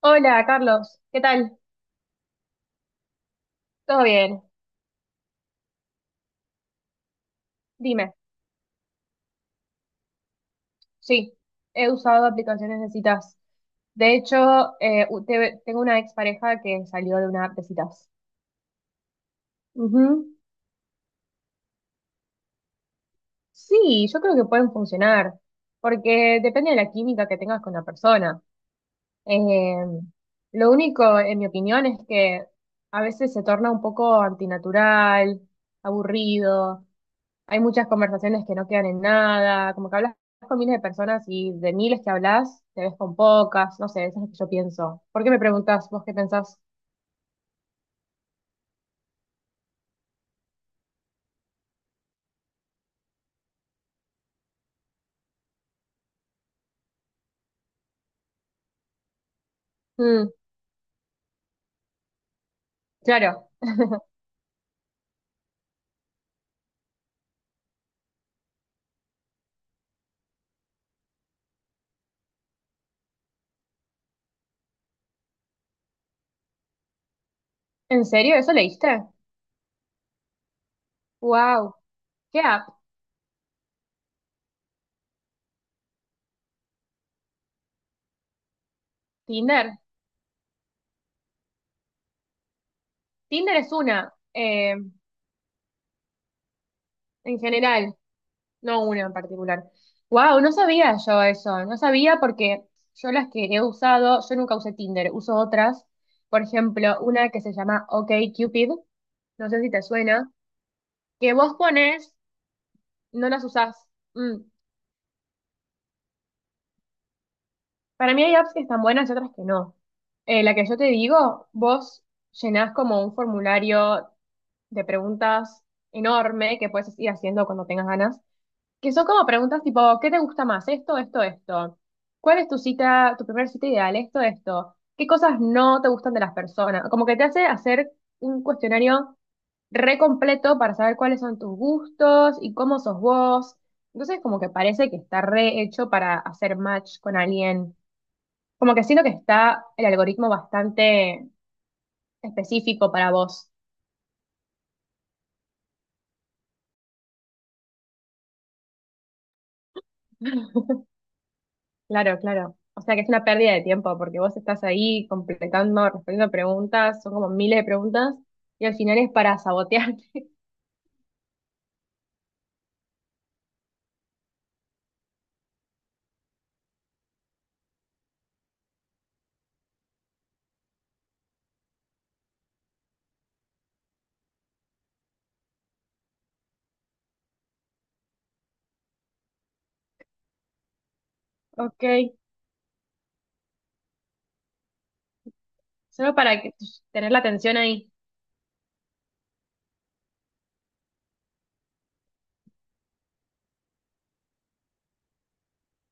Hola, Carlos, ¿qué tal? ¿Todo bien? Dime, sí, he usado aplicaciones de citas. De hecho, tengo una expareja que salió de una app de citas. Ujú. Sí, yo creo que pueden funcionar, porque depende de la química que tengas con la persona. Eh, lo único, en mi opinión, es que a veces se torna un poco antinatural, aburrido. Hay muchas conversaciones que no quedan en nada, como que hablas con miles de personas y de miles que hablas, te ves con pocas, no sé, eso es lo que yo pienso. ¿Por qué me preguntás vos qué pensás? Mm, claro, ¿en serio? ¿Eso leíste? Wow, ¿qué app? Tinder. Tinder es una, en general. No una en particular. Wow, no sabía yo eso, no sabía porque yo las que he usado, yo nunca usé Tinder, uso otras. Por ejemplo, una que se llama OkCupid, no sé si te suena, que vos pones, no las usás. Mm. Para mí hay apps que están buenas y otras que no. La que yo te digo, vos llenás como un formulario de preguntas enorme que puedes ir haciendo cuando tengas ganas. Que son como preguntas tipo, ¿qué te gusta más? Esto, esto, esto. ¿Cuál es tu cita, tu primer cita ideal? Esto, esto. ¿Qué cosas no te gustan de las personas? Como que te hace hacer un cuestionario re completo para saber cuáles son tus gustos y cómo sos vos. Entonces, como que parece que está re hecho para hacer match con alguien. Como que siento que está el algoritmo bastante específico para vos. Claro, claro. O sea que es una pérdida de tiempo porque vos estás ahí completando, respondiendo preguntas, son como miles de preguntas y al final es para sabotearte. Ok, solo para tener la atención ahí.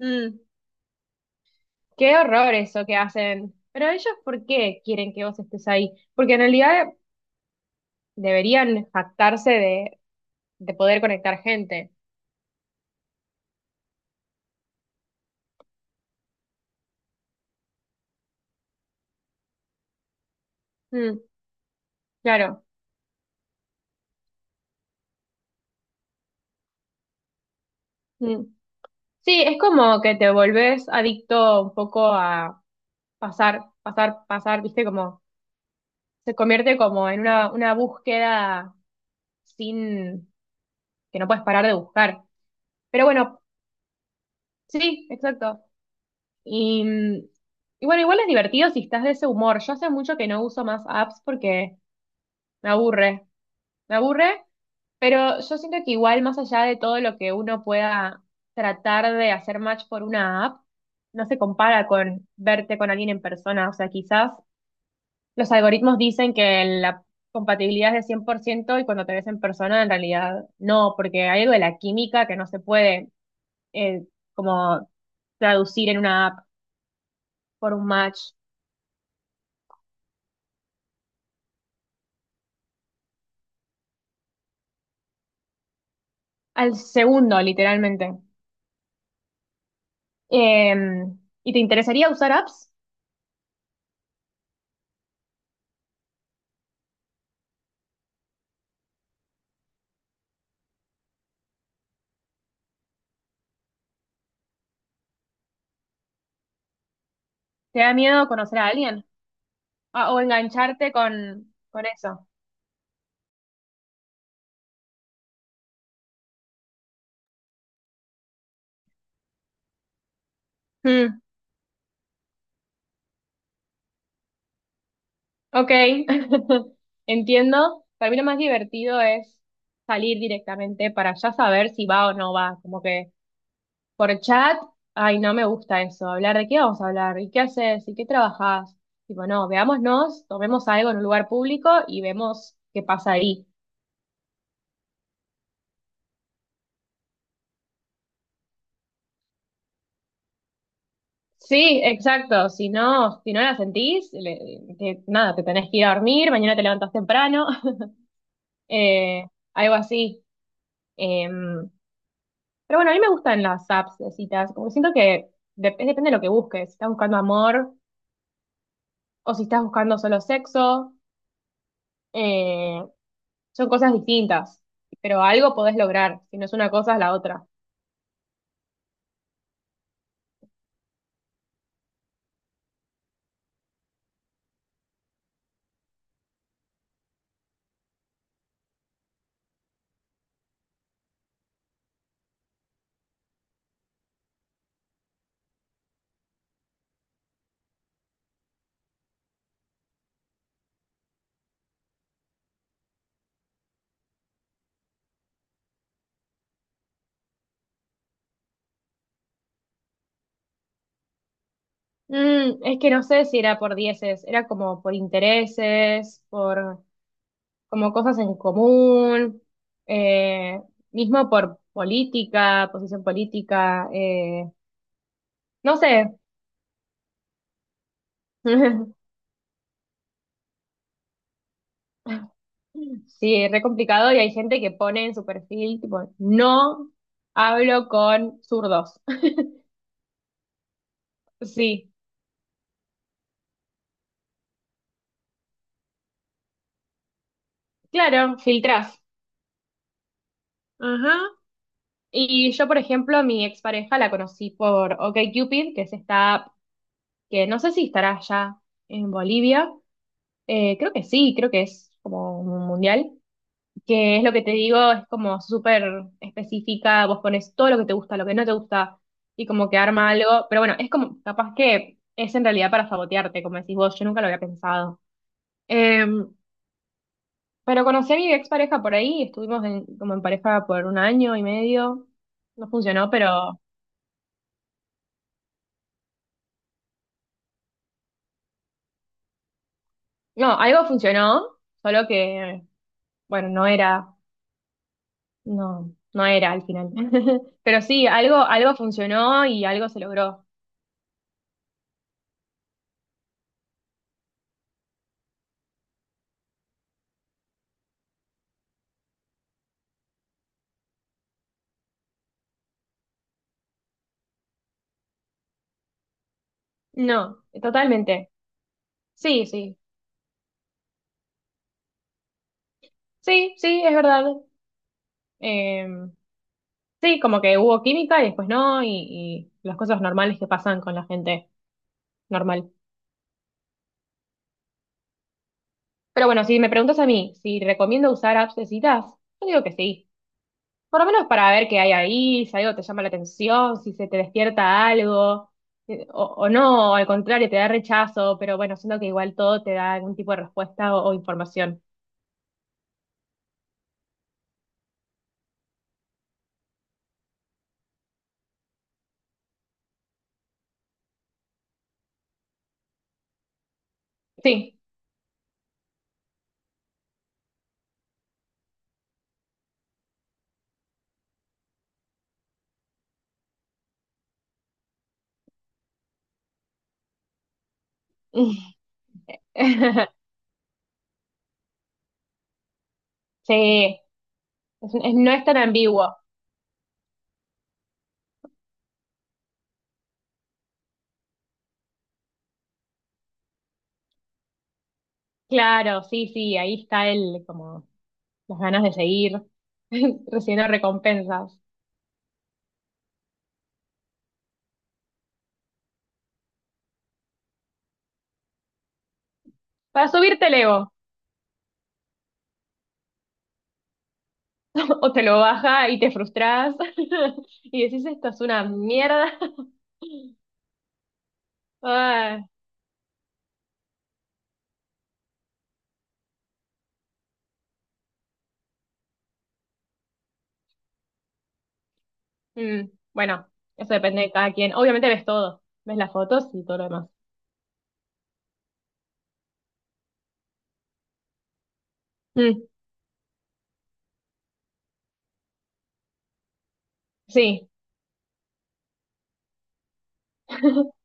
Mm, qué horror eso que hacen. Pero ellos, ¿por qué quieren que vos estés ahí? Porque en realidad deberían jactarse de poder conectar gente. Mm, claro. Mm. Sí, es como que te volvés adicto un poco a pasar, pasar, pasar, viste, como se convierte como en una búsqueda sin que no puedes parar de buscar. Pero bueno, sí, exacto. Y, y bueno, igual es divertido si estás de ese humor. Yo hace mucho que no uso más apps porque me aburre, me aburre, pero yo siento que igual más allá de todo lo que uno pueda tratar de hacer match por una app, no se compara con verte con alguien en persona. O sea, quizás los algoritmos dicen que la compatibilidad es de 100% y cuando te ves en persona en realidad no, porque hay algo de la química que no se puede eh, como traducir en una app por un match al segundo, literalmente. Eh, ¿Y te interesaría usar apps? ¿Te da miedo conocer a alguien? Ah, o engancharte con eso. Hmm, ok, entiendo. Para mí lo más divertido es salir directamente para ya saber si va o no va, como que por chat, ay, no me gusta eso. Hablar de qué vamos a hablar, y qué haces, y qué trabajas. Tipo, no, veámonos, tomemos algo en un lugar público y vemos qué pasa ahí. Sí, exacto. Si no, si no la sentís, nada, te tenés que ir a dormir, mañana te levantás temprano, eh, algo así. Em, pero bueno, a mí me gustan las apps de citas, como que siento que depende de lo que busques. Si estás buscando amor o si estás buscando solo sexo. eh, Son cosas distintas, pero algo podés lograr, si no es una cosa es la otra. Mm, es que no sé si era por dieces, era como por intereses, por como cosas en común, eh, mismo por política, posición política, no sé. Sí, es re complicado y hay gente que pone en su perfil, tipo, no hablo con zurdos. Sí, claro, filtrás. Ajá. Y yo, por ejemplo, a mi expareja la conocí por OkCupid, que es esta app que no sé si estará ya en Bolivia. Creo que sí, creo que es como un mundial. Que es lo que te digo, es como súper específica. Vos pones todo lo que te gusta, lo que no te gusta, y como que arma algo. Pero bueno, es como, capaz que es en realidad para sabotearte, como decís vos, yo nunca lo había pensado. Eh, pero conocí a mi expareja por ahí, estuvimos como en pareja por un año y medio. No funcionó, pero. No, algo funcionó, solo que, bueno, no era, no, no era al final. Pero sí, algo, algo funcionó y algo se logró. No, totalmente. Sí, sí, sí, sí, es verdad. Eh, sí, como que hubo química y después no, y las cosas normales que pasan con la gente normal. Pero bueno, si me preguntas a mí si recomiendo usar apps de citas, yo digo que sí. Por lo menos para ver qué hay ahí, si algo te llama la atención, si se te despierta algo, o no, o al contrario, te da rechazo, pero bueno, siento que igual todo te da algún tipo de respuesta o información. Sí. Sí, no es tan ambiguo. Claro, sí, sí, ahí está el, como, las ganas de seguir recibiendo recompensas. Para subirte el ego, o te lo baja y te frustras, y decís, esto es una mierda. Ah. Mm, bueno, eso depende de cada quien. Obviamente ves todo, ves las fotos y todo lo demás. Mm, sí,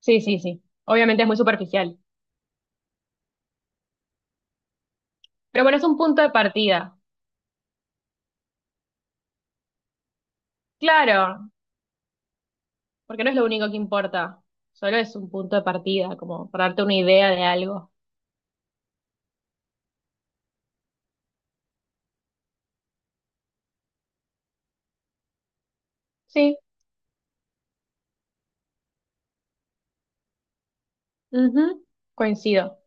sí, sí, sí. Obviamente es muy superficial. Pero bueno, es un punto de partida. Claro, porque no es lo único que importa. Solo es un punto de partida, como para darte una idea de algo. Sí, ujú, coincido.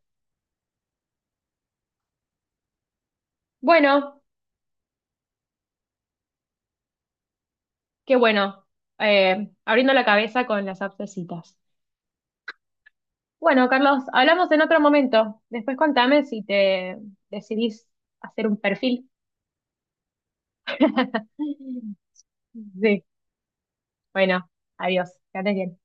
Bueno, qué bueno. Abriendo la cabeza con las abscesitas. Bueno, Carlos, hablamos en otro momento. Después contame si te decidís hacer un perfil. Sí, bueno, adiós, que andes bien.